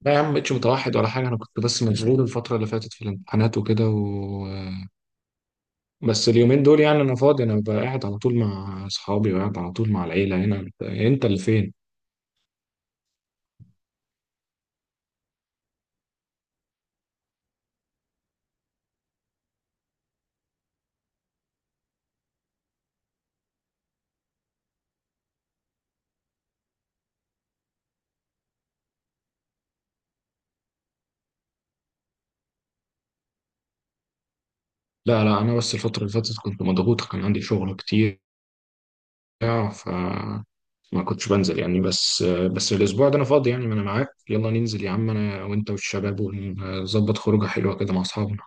لا يا عم، مبقتش متوحد ولا حاجة. أنا كنت بس مشغول الفترة اللي فاتت في الامتحانات وكده بس اليومين دول يعني أنا فاضي. أنا ببقى قاعد على طول مع أصحابي وقاعد على طول مع العيلة هنا. أنت اللي فين؟ لا لا، أنا بس الفترة اللي فاتت كنت مضغوط، كان عندي شغل كتير ف ما كنتش بنزل يعني. بس الأسبوع ده أنا فاضي يعني. ما أنا معاك، يلا ننزل يا عم أنا وأنت والشباب، ونظبط خروجة حلوة كده مع أصحابنا.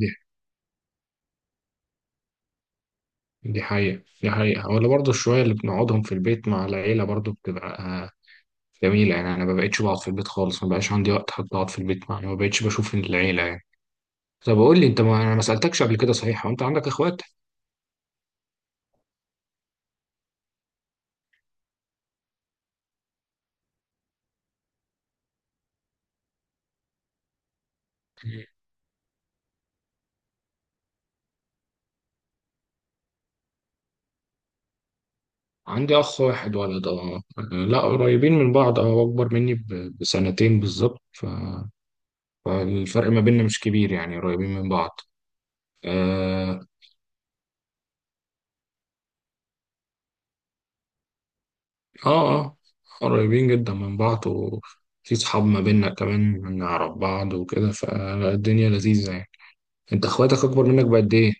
دي دي حقيقة، دي حقيقة. ولا برضه الشوية اللي بنقعدهم في البيت مع العيلة برضه بتبقى جميلة يعني. أنا ما بقتش بقعد في البيت خالص، ما بقاش عندي وقت حتى أقعد في البيت يعني، ما بقتش بشوف العيلة يعني. طب قول لي أنت، ما أنا ما سألتكش قبل كده، صحيح وأنت عندك إخوات؟ عندي أخ واحد ولد، أه. لا، قريبين من بعض، أه، أكبر مني بسنتين بالظبط فالفرق ما بيننا مش كبير يعني، قريبين من بعض. أه، أه آه، قريبين جدا من بعض، وفي صحاب ما بيننا كمان نعرف بعض وكده، فالدنيا لذيذة يعني. أنت إخواتك أكبر منك بقد إيه؟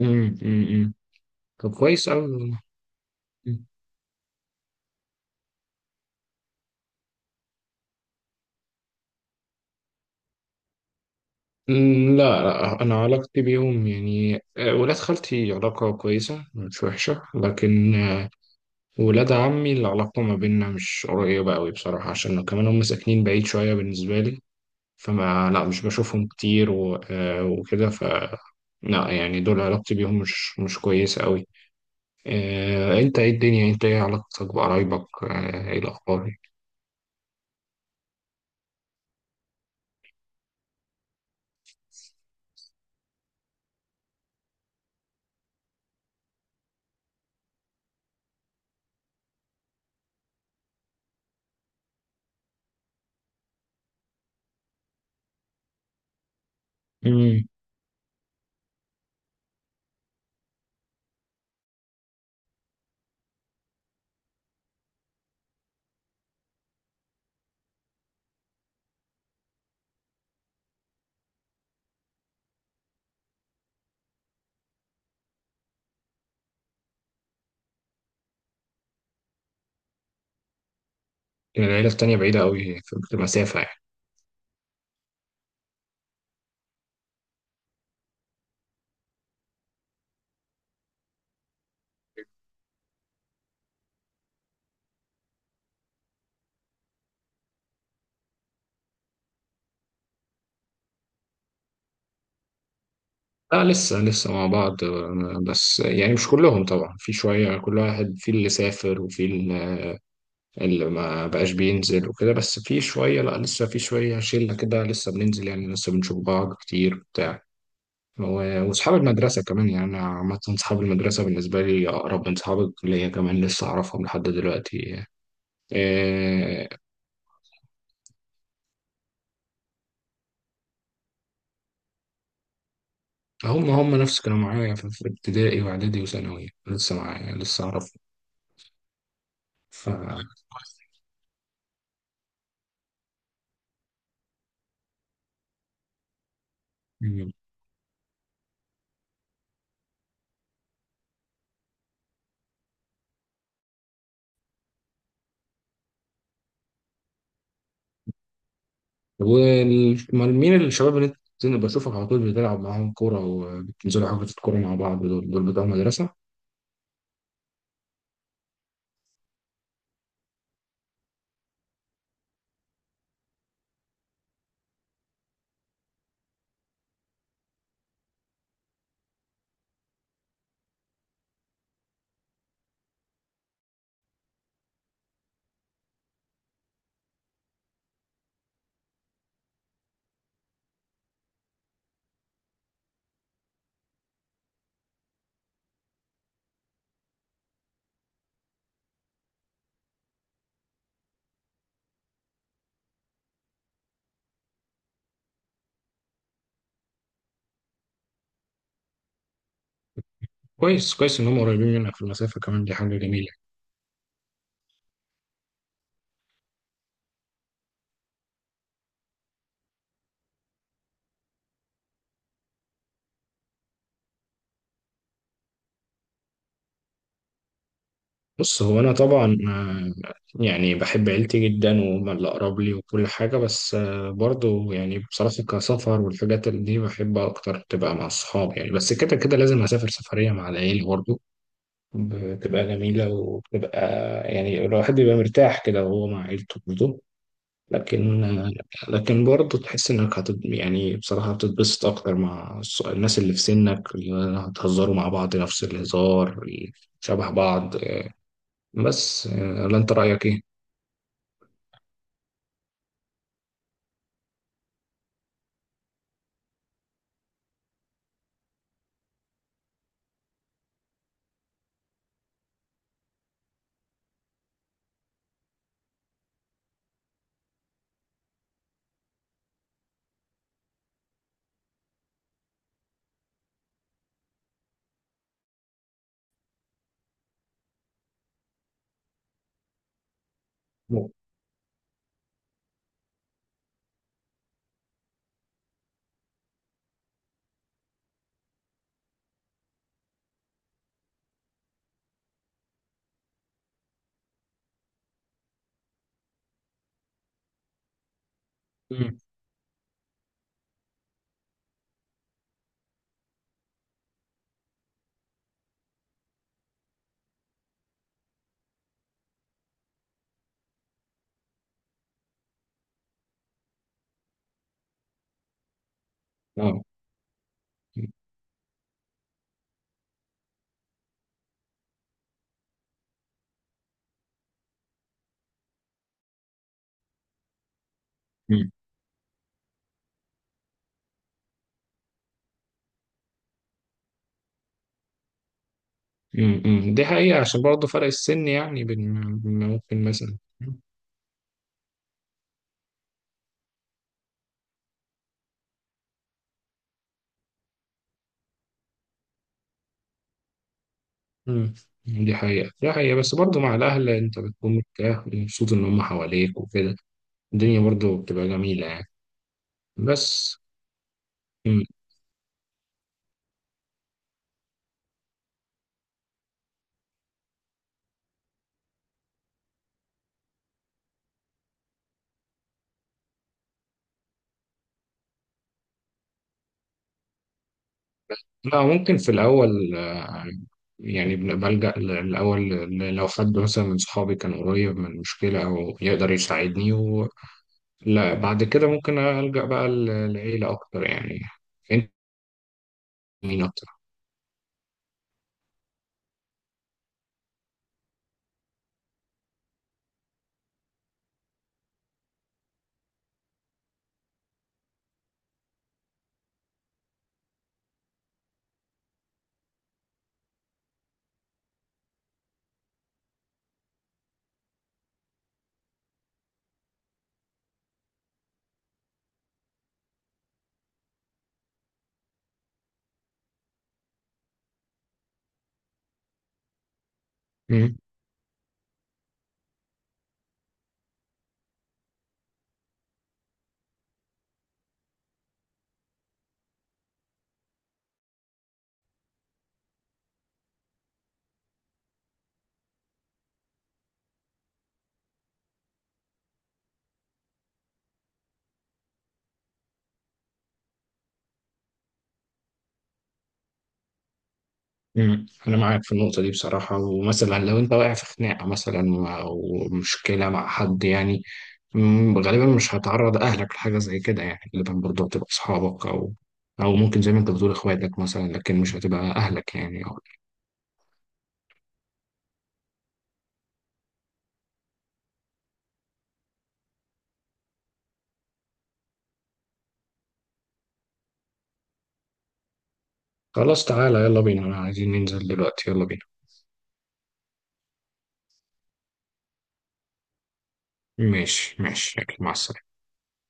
أمم، أمم، أمم. طب كويس أوي. لا لا، أنا علاقتي بيهم يعني ولاد خالتي علاقة كويسة مش وحشة، لكن ولاد عمي العلاقة ما بيننا مش قريبة أوي بصراحة، عشان كمان هم ساكنين بعيد شوية بالنسبة لي. فما لا، مش بشوفهم كتير وكده. لا يعني دول علاقتي بيهم مش كويسة أوي. أنت إيه علاقتك بقرايبك، إيه الأخبار؟ مم. العيلة التانية بعيدة أوي، في مسافة يعني. لا، لسه مع بعض. بس يعني مش كلهم طبعا، في شوية كل واحد، في اللي سافر وفي اللي ما بقاش بينزل وكده، بس في شوية. لا، لسه في شوية شلة كده لسه بننزل يعني، لسه بنشوف بعض كتير بتاع. وأصحاب المدرسة كمان يعني. أنا عامة أصحاب المدرسة بالنسبة لي أقرب من أصحاب الكلية، كمان لسه أعرفهم لحد دلوقتي. إيه، هم نفس كانوا معايا في ابتدائي وإعدادي وثانوي، لسه معايا لسه أعرفهم. ف ومين الشباب اللي انت بشوفك على طول بتلعب معاهم كورة، وبتنزلوا حجز الكورة مع بعض؟ دول بتوع المدرسة؟ كويس كويس ان هم قريبين منك في المسافة كمان، دي حاجة جميلة. بص، هو انا طبعا يعني بحب عيلتي جدا وهم اللي اقرب لي وكل حاجة، بس برضو يعني بصراحة كسفر والحاجات اللي دي بحب اكتر تبقى مع الصحاب يعني، بس كده كده لازم اسافر سفرية مع العيلة برضو، بتبقى جميلة وبتبقى يعني الواحد بيبقى مرتاح كده وهو مع عيلته برضو. لكن لكن برضه تحس انك يعني بصراحة بتتبسط اكتر مع الناس اللي في سنك، اللي هتهزروا مع بعض نفس الهزار شبه بعض بس. ولا انت رأيك ايه؟ مم. اه. مم. مم. مم. دي حقيقة، عشان برضه فرق السن يعني بين. ممكن مثلا. مم. دي حقيقة، دي حقيقة. بس برضه مع الأهل أنت بتكون مرتاح ومبسوط إن هم حواليك وكده، الدنيا برضه بتبقى جميلة يعني. بس. مم. لا، ممكن في الأول يعني بلجأ الأول، لو حد مثلا من صحابي كان قريب من مشكلة أو يقدر يساعدني لا، بعد كده ممكن ألجأ بقى لعيلة أكتر يعني. أنت مين أكتر؟ مم. مم. أنا معاك في النقطة دي بصراحة. ومثلا لو أنت واقع في خناقة مثلا أو مشكلة مع حد يعني، غالبا مش هتعرض أهلك لحاجة زي كده يعني، غالبا برضه هتبقى أصحابك، أو ممكن زي ما أنت بتقول إخواتك مثلا، لكن مش هتبقى أهلك يعني. خلاص تعالى، يلا بينا، أنا عايزين ننزل دلوقتي، يلا بينا. ماشي ماشي، يلا، مع السلامة.